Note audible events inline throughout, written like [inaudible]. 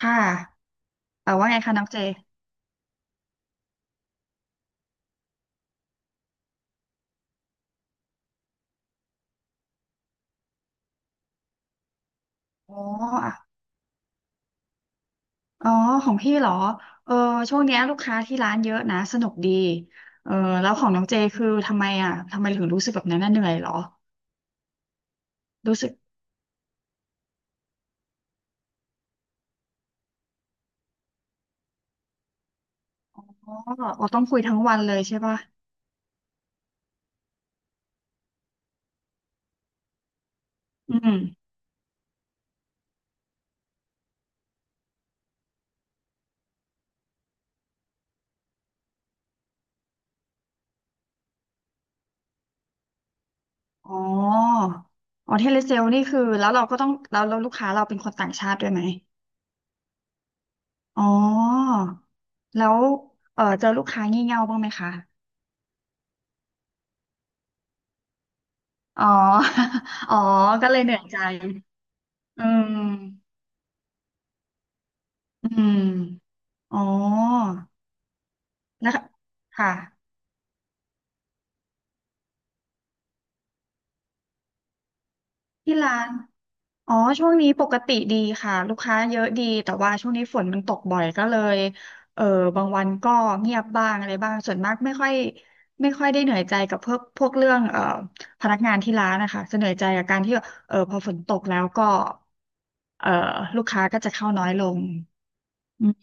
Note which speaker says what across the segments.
Speaker 1: ค่ะเออว่าไงคะน้องเจอ๋ออ่ะอ๋อของพี่เหรอเออช่วงเนี้ยลูกค้าที่ร้านเยอะนะสนุกดีเออแล้วของน้องเจคือทำไมอ่ะทำไมถึงรู้สึกแบบนั้นน่ะเหนื่อยเหรอรู้สึกอ๋ออ๋อต้องคุยทั้งวันเลยใช่ป่ะอืมอ๋ออ๋อเทเลเซลนี่คือแล้วเราก็ต้องแล้วแล้วลูกค้าเราเป็นคนต่างชาติด้วยไหมอ๋อแล้วเออเจอลูกค้างี่เง่าบ้างไหมคะอ๋อ [laughs] อ๋อก็เลยเหนื่อยใจอืมอืม อ๋อนะคะค่ะที่ร้านอ๋อช่วงนี้ปกติดีค่ะลูกค้าเยอะดีแต่ว่าช่วงนี้ฝนมันตกบ่อยก็เลยเออบางวันก็เงียบบ้างอะไรบ้างส่วนมากไม่ค่อยได้เหนื่อยใจกับพวกเรื่องพนักงานที่ร้านนะคะจะเหนื่อยใจกับการที่เออพอฝนตกแล้วก็เอ่อลูกค้าก็จะเข้าน้อยลงอืม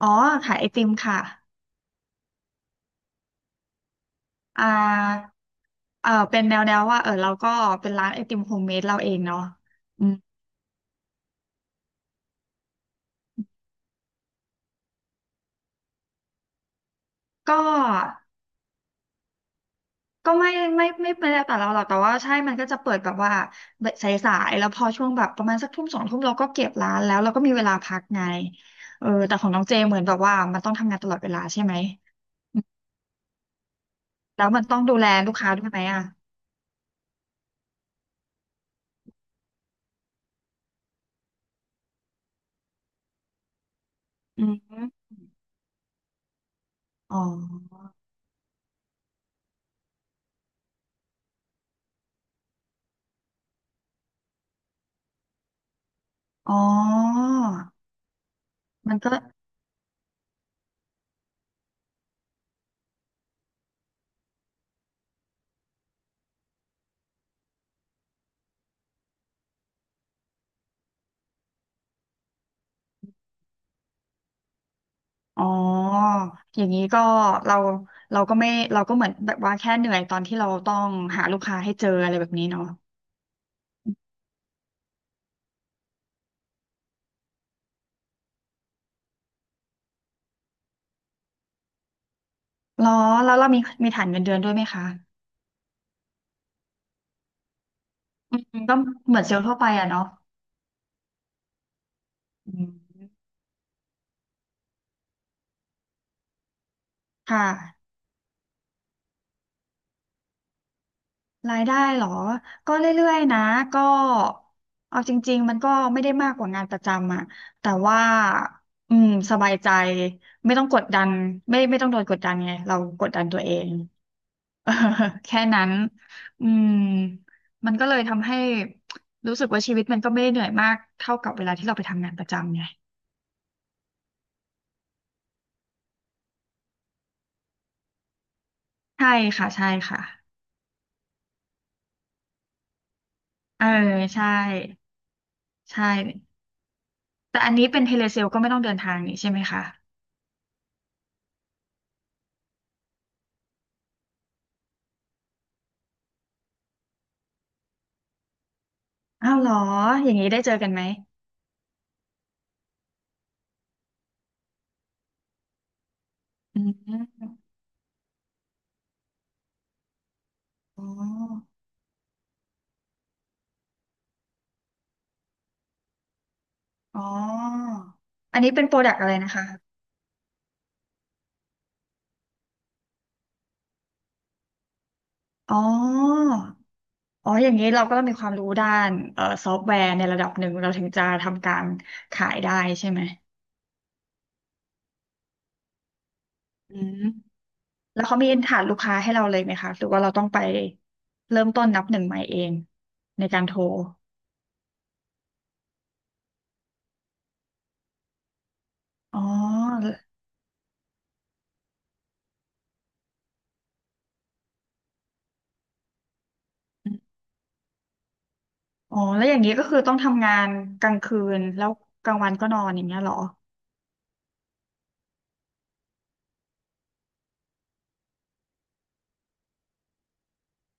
Speaker 1: อ๋อขายไอติมค่ะอ่าเออเป็นแนวแนวว่าเออเราก็เป็นร้านไอติมโฮมเมดเราเองเนาะอืม ก็ก็ไม่ไม่ได้แต่เราหรอกแต่ว่าใช่มันก็จะเปิดแบบว่าสายๆแล้วพอช่วงแบบประมาณสักทุ่มสองทุ่มเราก็เก็บร้านแล้วเราก็มีเวลาพักไงเออแต่ของน้องเจเหมือนแบบว่ามันต้องทำงานตลอดเวลาใช่ไหมอืมแล้วมันต้องดูแลลูกค้าด้วยไหมอ่ะอืมอ๋ออ๋อมันก็อ๋ออย่างนี้ก็เราเราก็เหมือนแบบว่าแค่เหนื่อยตอนที่เราต้องหาลูกค้าให้เจออะไรแบบนี้เนาะหรอแล้วเรามีมีฐานเงินเดือนด้วยไหมคะ อืมก็เหมือนเซลล์ทั่วไปอะเนาะอืมค่ะรายได้เหรอก็เรื่อยๆนะก็เอาจริงๆมันก็ไม่ได้มากกว่างานประจำอะแต่ว่าอืมสบายใจไม่ต้องกดดันไม่ต้องโดนกดดันไงเรากดดันตัวเอง [laughs] เออแค่นั้นอืมมันก็เลยทำให้รู้สึกว่าชีวิตมันก็ไม่ได้เหนื่อยมากเท่ากับเวลาที่เราไปทำงานประจำไงใช่ค่ะใช่ค่ะเออใช่ใช่ แต่อันนี้เป็นเทเลเซลก็ไม่ต้องเดินทางนี่ใช่ไหมคะอ้าวเหรออย่างนี้ได้เจอกันไหมอืมอ๋ออ๋ออันนี้เป็นโปรดักต์อะไรนะคะอ๋ออ๋ออย่างนี้เราก็ต้องมีความรู้ด้านซอฟต์แวร์ในระดับหนึ่งเราถึงจะทำการขายได้ใช่ไหมอืมแล้วเขามีฐานลูกค้าให้เราเลยไหมคะ หรือว่าเราต้องไปเริ่มต้นนับหนึ่งใหม่เองในการโทรอ๋อ อ๋อแล้วอย่างนี้ก็คือต้องทำงานกลางคืนแล้วกลางวันก็นอนอย่างเงี้ยเหรอ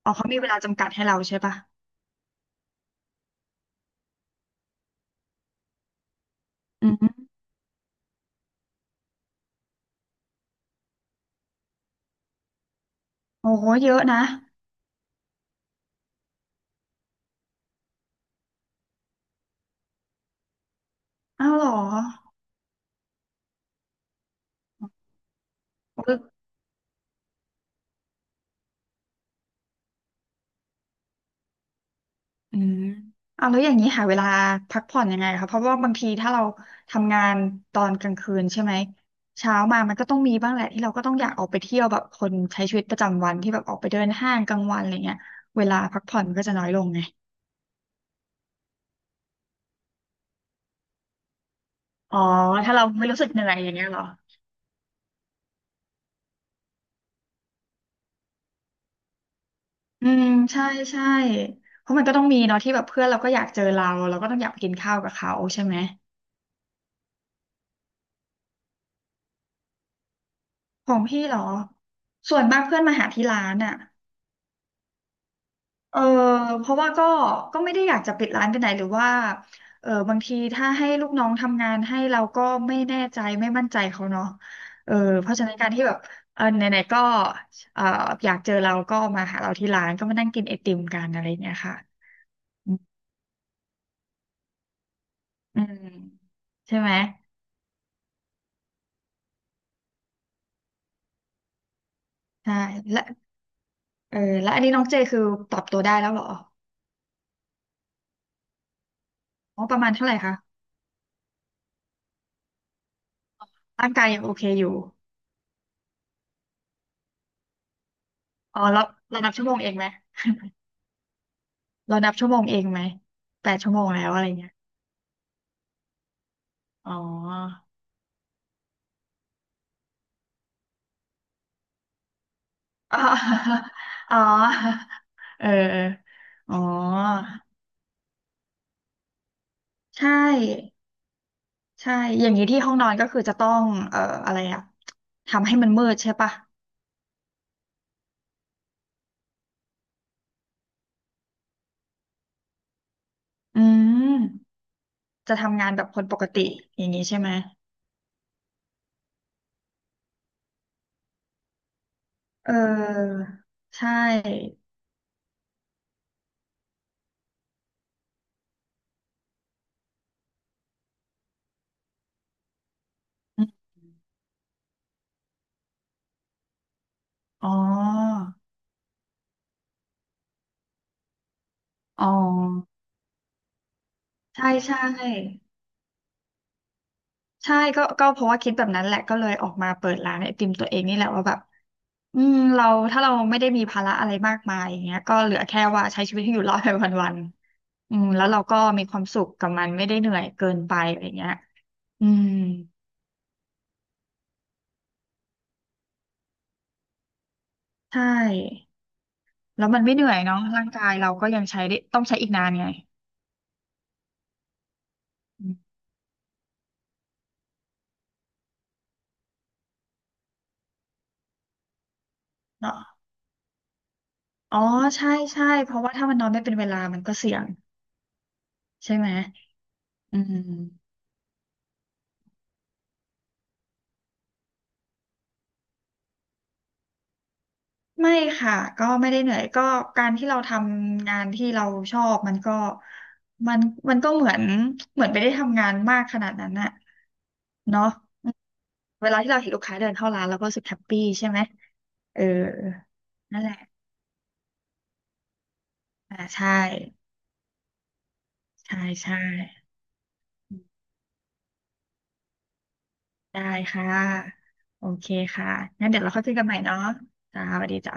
Speaker 1: อ๋อเขามีเวลาจำกัดให้เราใช่ปะอืมโอ้โหเยอะนะอ้าวเหรอเอุอืมอ้าวแล้วอย่างนี้หาเวลาพักผ่อนยังไงคะเพราะว่าบางทีถ้าเราทำงานตอนกลางคืนใช่ไหมเช้ามามันก็ต้องมีบ้างแหละที่เราก็ต้องอยากออกไปเที่ยวแบบคนใช้ชีวิตประจำวันที่แบบออกไปเดินห้างกลางวันอะไรเงี้ยเวลาพักผ่อนมันก็จะน้อยลงไงอ๋อถ้าเราไม่รู้สึกเหนื่อยอย่างเงี้ยเหรอ อืมใช่ใช่เพราะมันก็ต้องมีเนาะที่แบบเพื่อนเราก็อยากเจอเราเราก็ต้องอยากไปกินข้าวกับเขาใช่ไหมของพี่เหรอส่วนมากเพื่อนมาหาที่ร้านอ่ะเออเพราะว่าก็ไม่ได้อยากจะปิดร้านไปไหนหรือว่าเออบางทีถ้าให้ลูกน้องทำงานให้เราก็ไม่แน่ใจไม่มั่นใจเขาเนาะเออเพราะฉะนั้นการที่แบบเออไหนๆก็เอออยากเจอเราก็มาหาเราที่ร้านก็มานั่งกินไอติมกันอะไรอย่างเงี้ยค่ะอืมอืมใช่ไหมใช่และ เออแล้วอันนี้น้องเจคือปรับตัวได้แล้วเหรออ๋อประมาณเท่าไหร่คะ ร่างกายยังโอเคอยู่อ๋อแล้วเรานับชั่วโมงเองไหมเรานับชั่วโมงเองไหมแปดชั่วโมงแล้วอะไรเงี้ยอ๋อ [laughs] อ๋อ [laughs] อ๋อเออเอออ๋อใช่ใช่ อย่างนี้ที่ห้องนอนก็คือจะต้องเอ่ออะไรอะทำให้มันมืดใช่ปะอืมจะทำงานแบบคนปกติอย่างนี้ใช่ไหม เออใช่อมอ๋ออ๋อ ใช่ใช่ใช่ก็เพราะว่าคิดแบบนั้นแหละก็เลยออกมาเปิดร้านไอติมตัวเองนี่แหละว่าแบบอืมเราถ้าเราไม่ได้มีภาระอะไรมากมายอย่างเงี้ยก็เหลือแค่ว่าใช้ชีวิตให้อยู่รอดไปวันๆอืมแล้วเราก็มีความสุขกับมันไม่ได้เหนื่อยเกินไปอะไรเงี้ยอืมใช่แล้วมันไม่เหนื่อยเนาะร่างกายเราก็ยังใช้ได้ต้องใช้อีกนานไงอืมเนาะอ๋อใช่ใช่เพราะว่าถ้ามันนอนไม่เป็นเวลามันก็เสี่ยงใช่ไหมอืม ไม่ค่ะก็ไม่ได้เหนื่อยก็การที่เราทำงานที่เราชอบมันก็มันมันก็เหมือนเหมือนไม่ได้ทำงานมากขนาดนั้นน่ะเนาะอืมเวลาที่เราเห็นลูกค้าเดินเข้าร้านเราก็รู้สึกแฮปปี้ใช่ไหมเออนั่นแหละอ่าใช่ใช่ใช่ได้ค่ะโอเคค่ะงั้นเดี๋ยวเราค่อยคุยกันใหม่เนาะจ้าสวัสดีจ้า